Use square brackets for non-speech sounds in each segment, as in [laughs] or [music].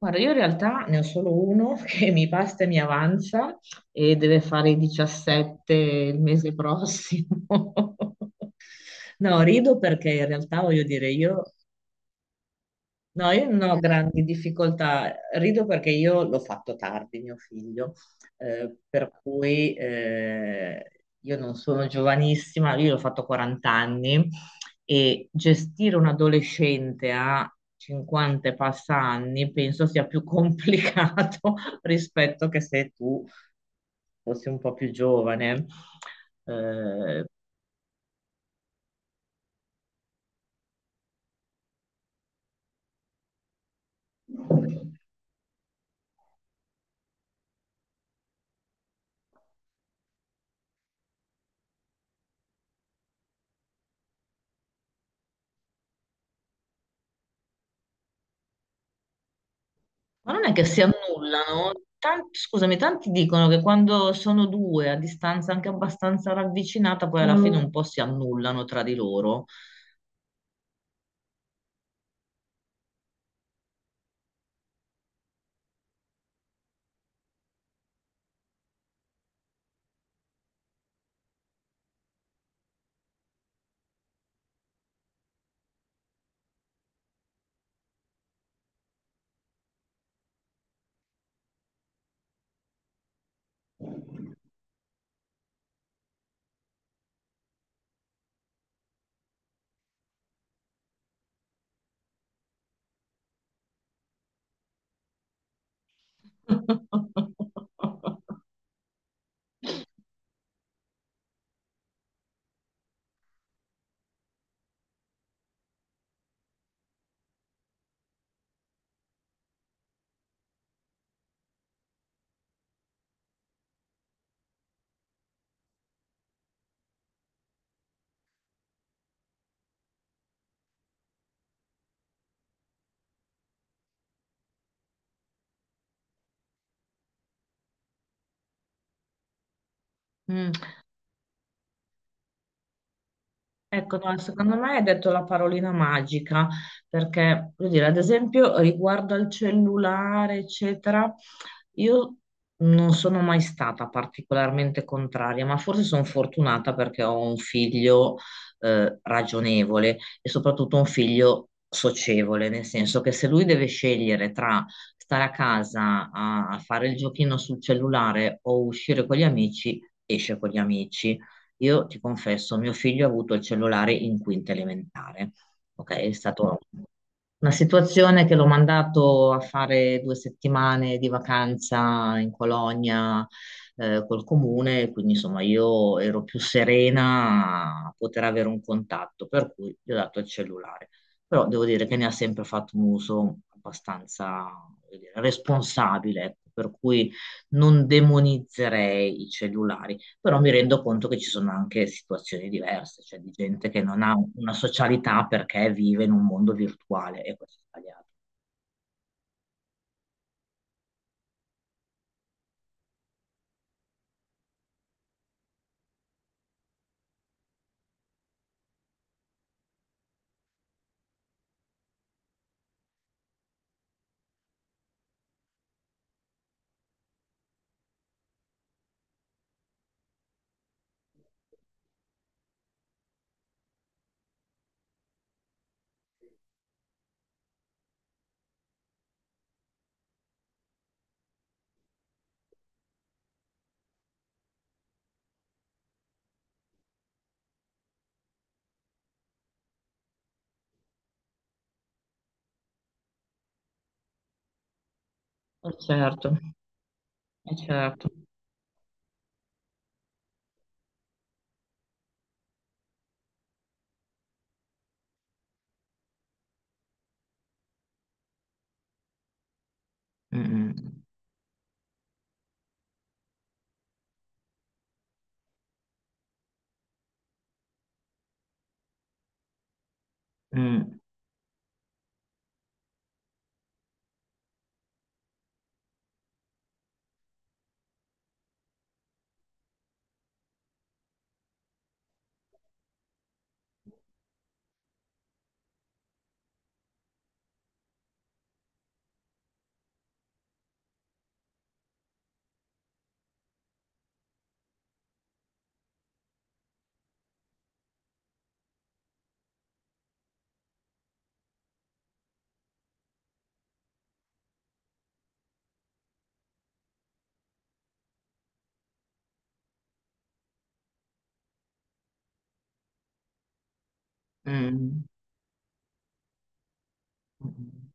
Guarda, io in realtà ne ho solo uno [laughs] che mi basta e mi avanza e deve fare i 17 il mese prossimo. [laughs] No, rido perché in realtà voglio dire, io. No, io non ho grandi difficoltà, rido perché io l'ho fatto tardi, mio figlio, per cui io non sono giovanissima, io l'ho fatto 40 anni e gestire un adolescente a 50 e passa anni penso sia più complicato [laughs] rispetto che se tu fossi un po' più giovane. Eh, Ma non è che si annullano? Scusami, tanti dicono che quando sono due a distanza anche abbastanza ravvicinata, poi alla fine un po' si annullano tra di loro. [laughs] Mm, Ecco, no, secondo me hai detto la parolina magica, perché, voglio dire, ad esempio, riguardo al cellulare, eccetera, io non sono mai stata particolarmente contraria, ma forse sono fortunata perché ho un figlio, ragionevole e soprattutto un figlio socievole, nel senso che se lui deve scegliere tra stare a casa a fare il giochino sul cellulare o uscire con gli amici, esce con gli amici. Io ti confesso, mio figlio ha avuto il cellulare in quinta elementare. Ok, è stata una situazione che l'ho mandato a fare due settimane di vacanza in colonia col comune, quindi insomma io ero più serena a poter avere un contatto, per cui gli ho dato il cellulare. Però devo dire che ne ha sempre fatto un uso abbastanza, voglio dire, responsabile, ecco, per cui non demonizzerei i cellulari, però mi rendo conto che ci sono anche situazioni diverse, cioè di gente che non ha una socialità perché vive in un mondo virtuale e questo è sbagliato. Certo, certo. Mm, mm, mm, mm.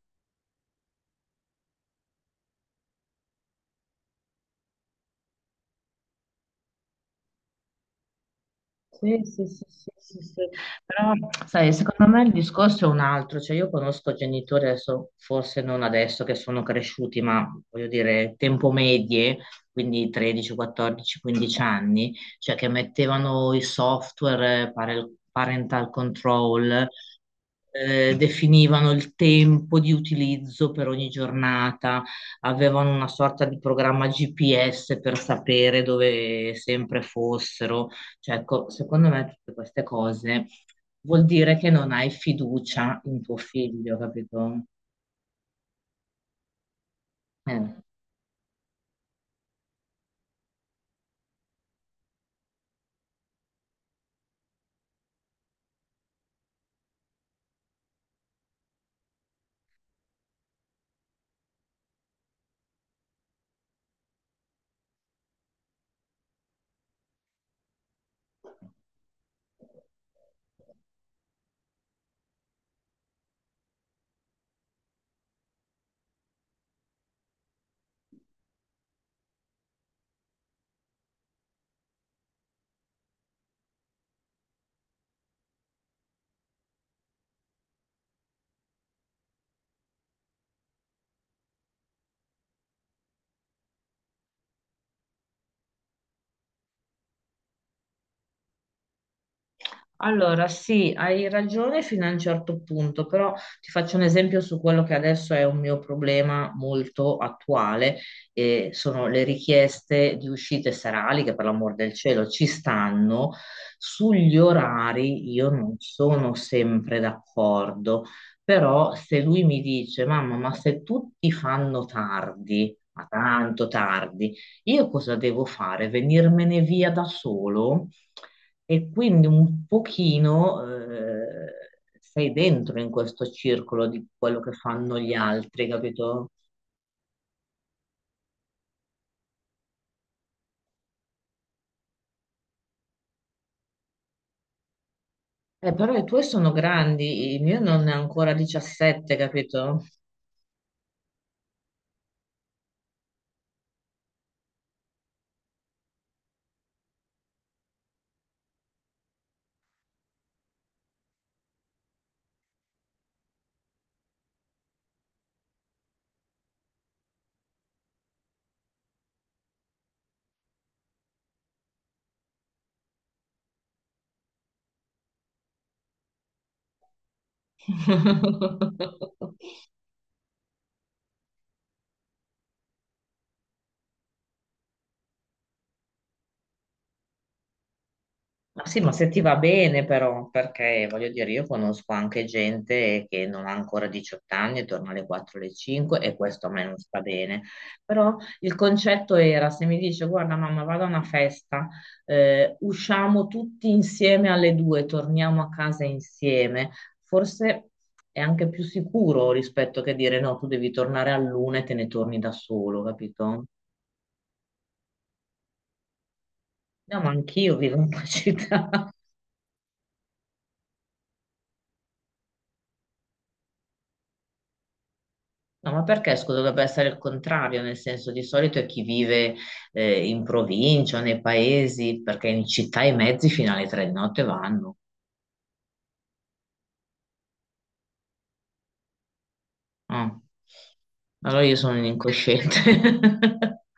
Sì, sì, sì, sì, sì, sì. Però, sai, secondo me il discorso è un altro, cioè io conosco genitori adesso, forse non adesso che sono cresciuti, ma voglio dire, tempo medie, quindi 13, 14, 15 anni, cioè che mettevano i software, parental control, definivano il tempo di utilizzo per ogni giornata, avevano una sorta di programma GPS per sapere dove sempre fossero. Cioè, ecco, secondo me tutte queste cose vuol dire che non hai fiducia in tuo figlio, capito? Eh. Allora, sì, hai ragione fino a un certo punto, però ti faccio un esempio su quello che adesso è un mio problema molto attuale, e sono le richieste di uscite serali, che per l'amor del cielo ci stanno. Sugli orari io non sono sempre d'accordo, però se lui mi dice: mamma, ma se tutti fanno tardi, ma tanto tardi, io cosa devo fare? Venirmene via da solo? E quindi un pochino sei dentro in questo circolo di quello che fanno gli altri, capito? Però i tuoi sono grandi, il mio non è ancora 17, capito? [laughs] Ma sì, ma se ti va bene però, perché voglio dire, io conosco anche gente che non ha ancora 18 anni e torna alle 4, alle 5, e questo a me non sta bene. Però il concetto era, se mi dice, guarda mamma, vado a una festa, usciamo tutti insieme alle 2, torniamo a casa insieme, forse è anche più sicuro rispetto che dire no, tu devi tornare all'una e te ne torni da solo, capito? No, ma anch'io vivo in una [laughs] città. No, ma perché, scusa, dovrebbe essere il contrario, nel senso di solito è chi vive in provincia o nei paesi, perché in città i mezzi fino alle tre di notte vanno. Ah, allora io sono un incosciente. [laughs]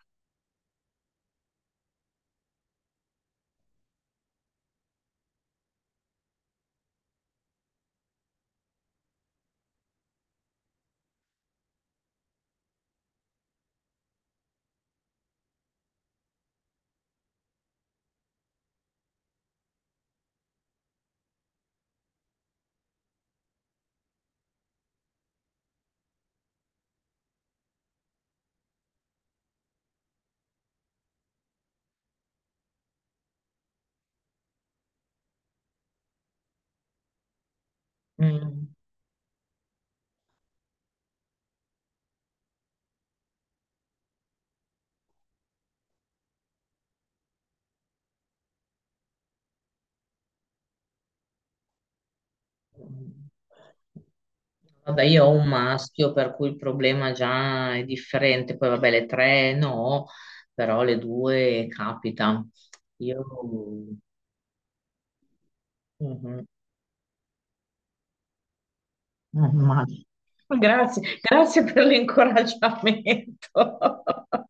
Mm. Vabbè, io ho un maschio, per cui il problema già è differente. Poi vabbè, le tre no, però le due capita. Io... Mhm. Immagino. Grazie, grazie per l'incoraggiamento. [laughs]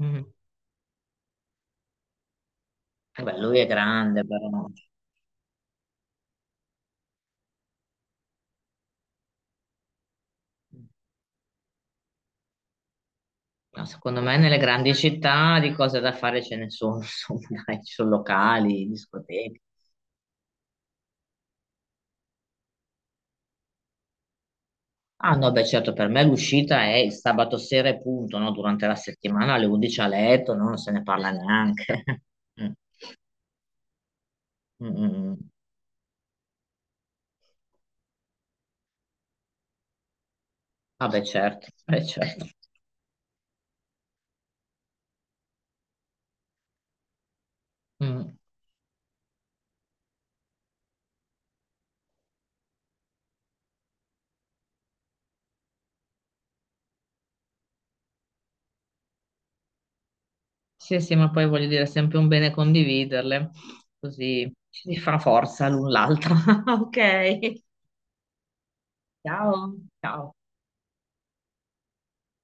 Mm. Vabbè, lui è grande, però no, secondo me nelle grandi città di cose da fare ce ne sono, [laughs] insomma, dai, ci sono locali, discoteche. Ah no, beh certo, per me l'uscita è il sabato sera e punto, no? Durante la settimana alle 11 a letto, no? Non se ne parla neanche. [laughs] Mm, mm, mm. Ah beh certo, beh certo. Mm. Sì, sì, ma poi voglio dire, è sempre un bene condividerle, così ci si fa forza l'un l'altra. [laughs] Ok, ciao, ciao.